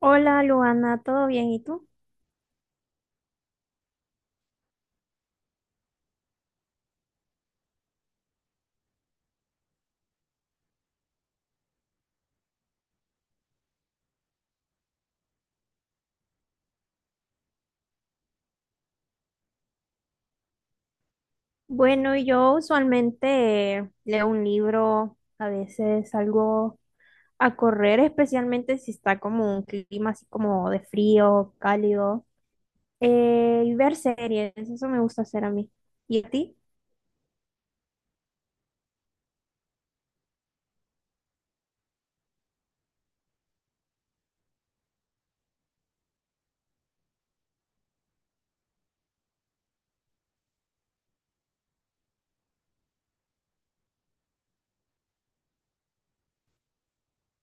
Hola Luana, ¿todo bien? ¿Y tú? Bueno, yo usualmente leo un libro, a veces salgo a correr, especialmente si está como un clima así como de frío, cálido, y ver series, eso me gusta hacer a mí. ¿Y a ti?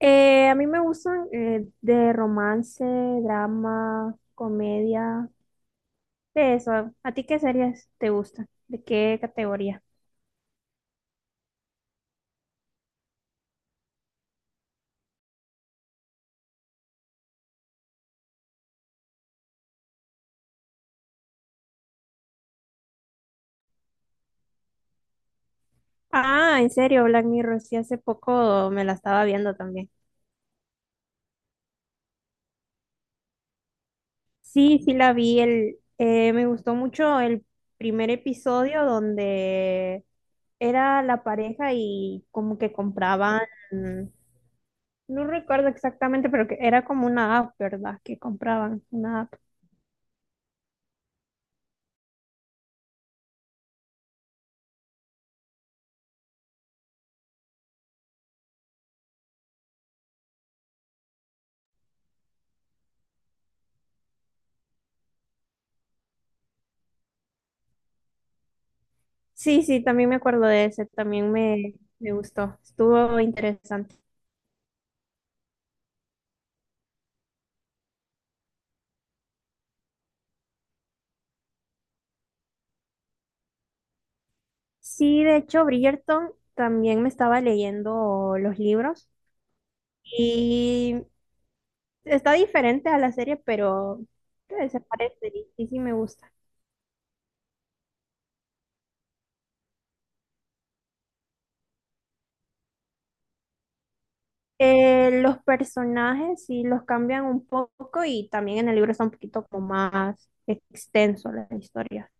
A mí me gustan de romance, drama, comedia, de eso. ¿A ti qué series te gustan? ¿De qué categoría? Ah, en serio, Black Mirror, sí, hace poco me la estaba viendo también. Sí, sí la vi, me gustó mucho el primer episodio donde era la pareja y como que compraban, no recuerdo exactamente, pero que era como una app, ¿verdad? Que compraban una app. Sí, sí, también me acuerdo de ese, también me gustó, estuvo interesante. Sí, de hecho, Bridgerton también me estaba leyendo los libros. Y está diferente a la serie, pero se parece y sí me gusta. Los personajes sí los cambian un poco y también en el libro está un poquito como más extenso la historia.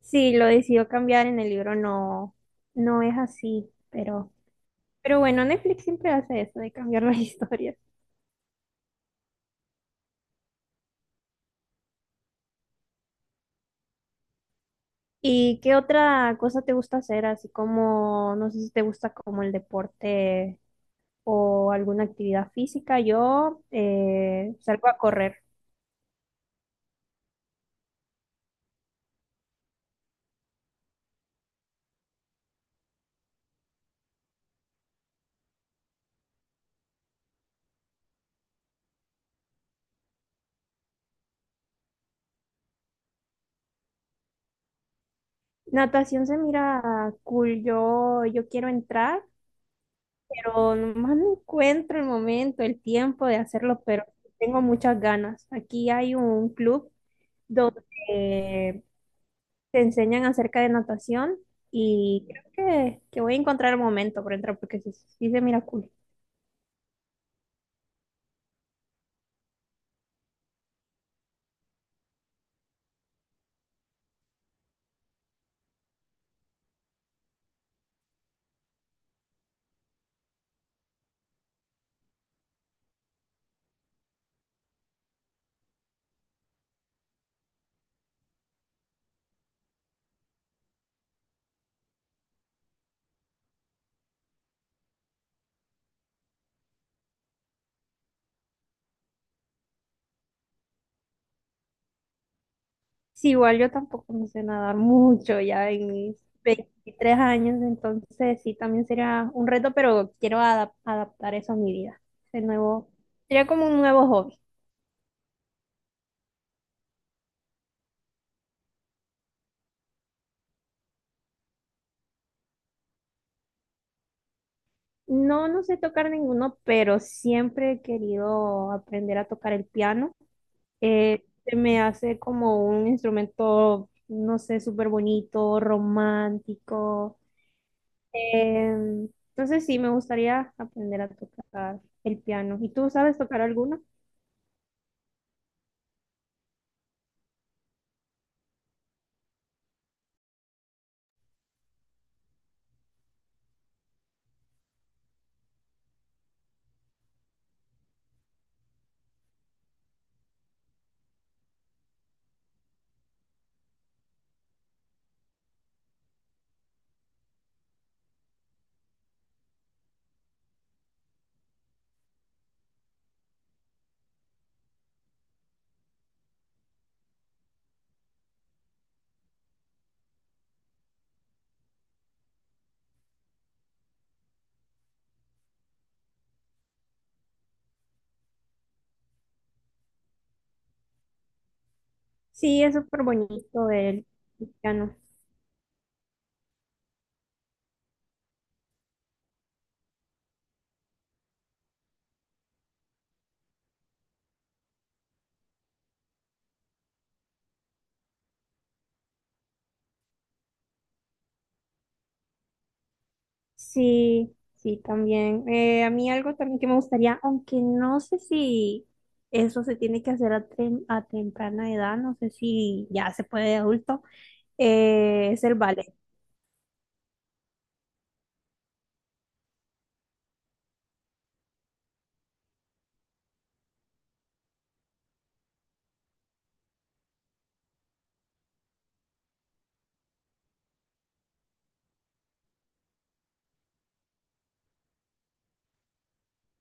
Sí, lo decidió cambiar en el libro, no, no es así, pero bueno, Netflix siempre hace eso de cambiar las historias. ¿Y qué otra cosa te gusta hacer? Así como, no sé si te gusta como el deporte o alguna actividad física. Yo salgo a correr. Natación se mira cool. Yo quiero entrar, pero nomás no encuentro el momento, el tiempo de hacerlo, pero tengo muchas ganas. Aquí hay un club donde eh, te enseñan acerca de natación y creo que voy a encontrar el momento para entrar porque sí, sí se mira cool. Sí, igual yo tampoco no sé nadar mucho ya en mis 23 años, entonces sí, también sería un reto, pero quiero adaptar eso a mi vida. De nuevo, sería como un nuevo hobby. No, no sé tocar ninguno, pero siempre he querido aprender a tocar el piano. Se me hace como un instrumento, no sé, súper bonito, romántico. Entonces sí, me gustaría aprender a tocar el piano. ¿Y tú sabes tocar alguno? Sí, es súper bonito el piano. Sí, sí, también. A mí algo también que me gustaría, aunque no sé si eso se tiene que hacer a temprana edad, no sé si ya se puede de adulto, es el ballet.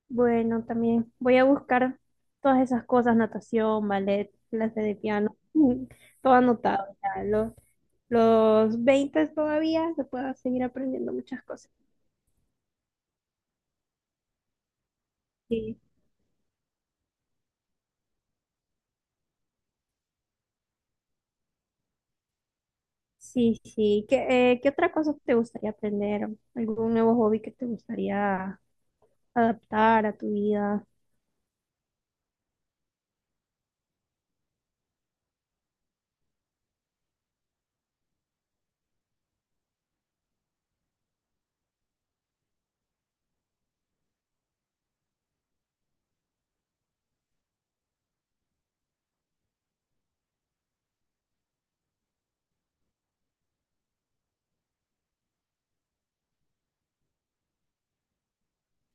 Bueno, también voy a buscar todas esas cosas, natación, ballet, clase de piano, todo anotado. Ya, los 20 todavía se puede seguir aprendiendo muchas cosas. Sí. Sí, sí. ¿Qué otra cosa te gustaría aprender? ¿Algún nuevo hobby que te gustaría adaptar a tu vida?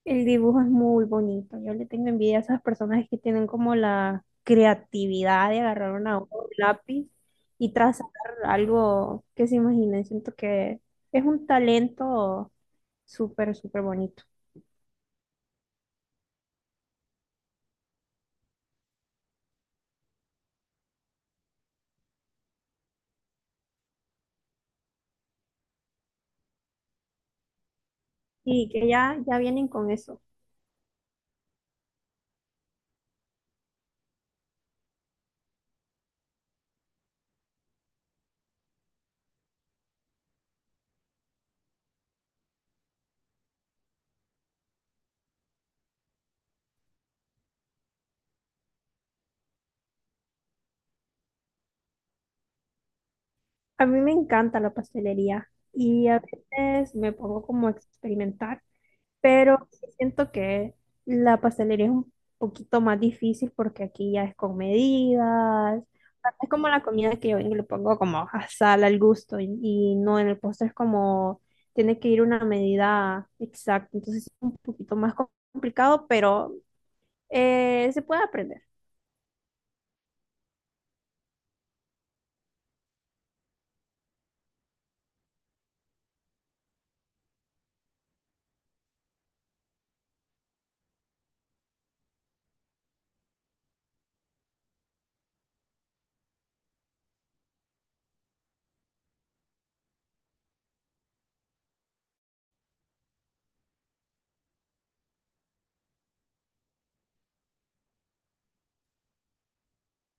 El dibujo es muy bonito. Yo le tengo envidia a esas personas que tienen como la creatividad de agarrar una hoja, un lápiz y trazar algo que se imaginen. Siento que es un talento súper, súper bonito. Y que ya, ya vienen con eso. A mí me encanta la pastelería y a veces me pongo como a experimentar. Pero sí siento que la pastelería es un poquito más difícil porque aquí ya es con medidas. Es como la comida que yo vengo y le pongo como a sal al gusto y, no, en el postre es como tiene que ir una medida exacta, entonces es un poquito más complicado, pero se puede aprender.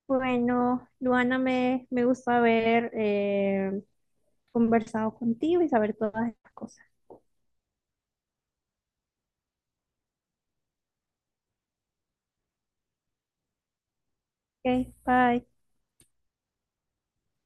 Bueno, Luana, me gusta haber conversado contigo y saber todas estas cosas. Ok, bye.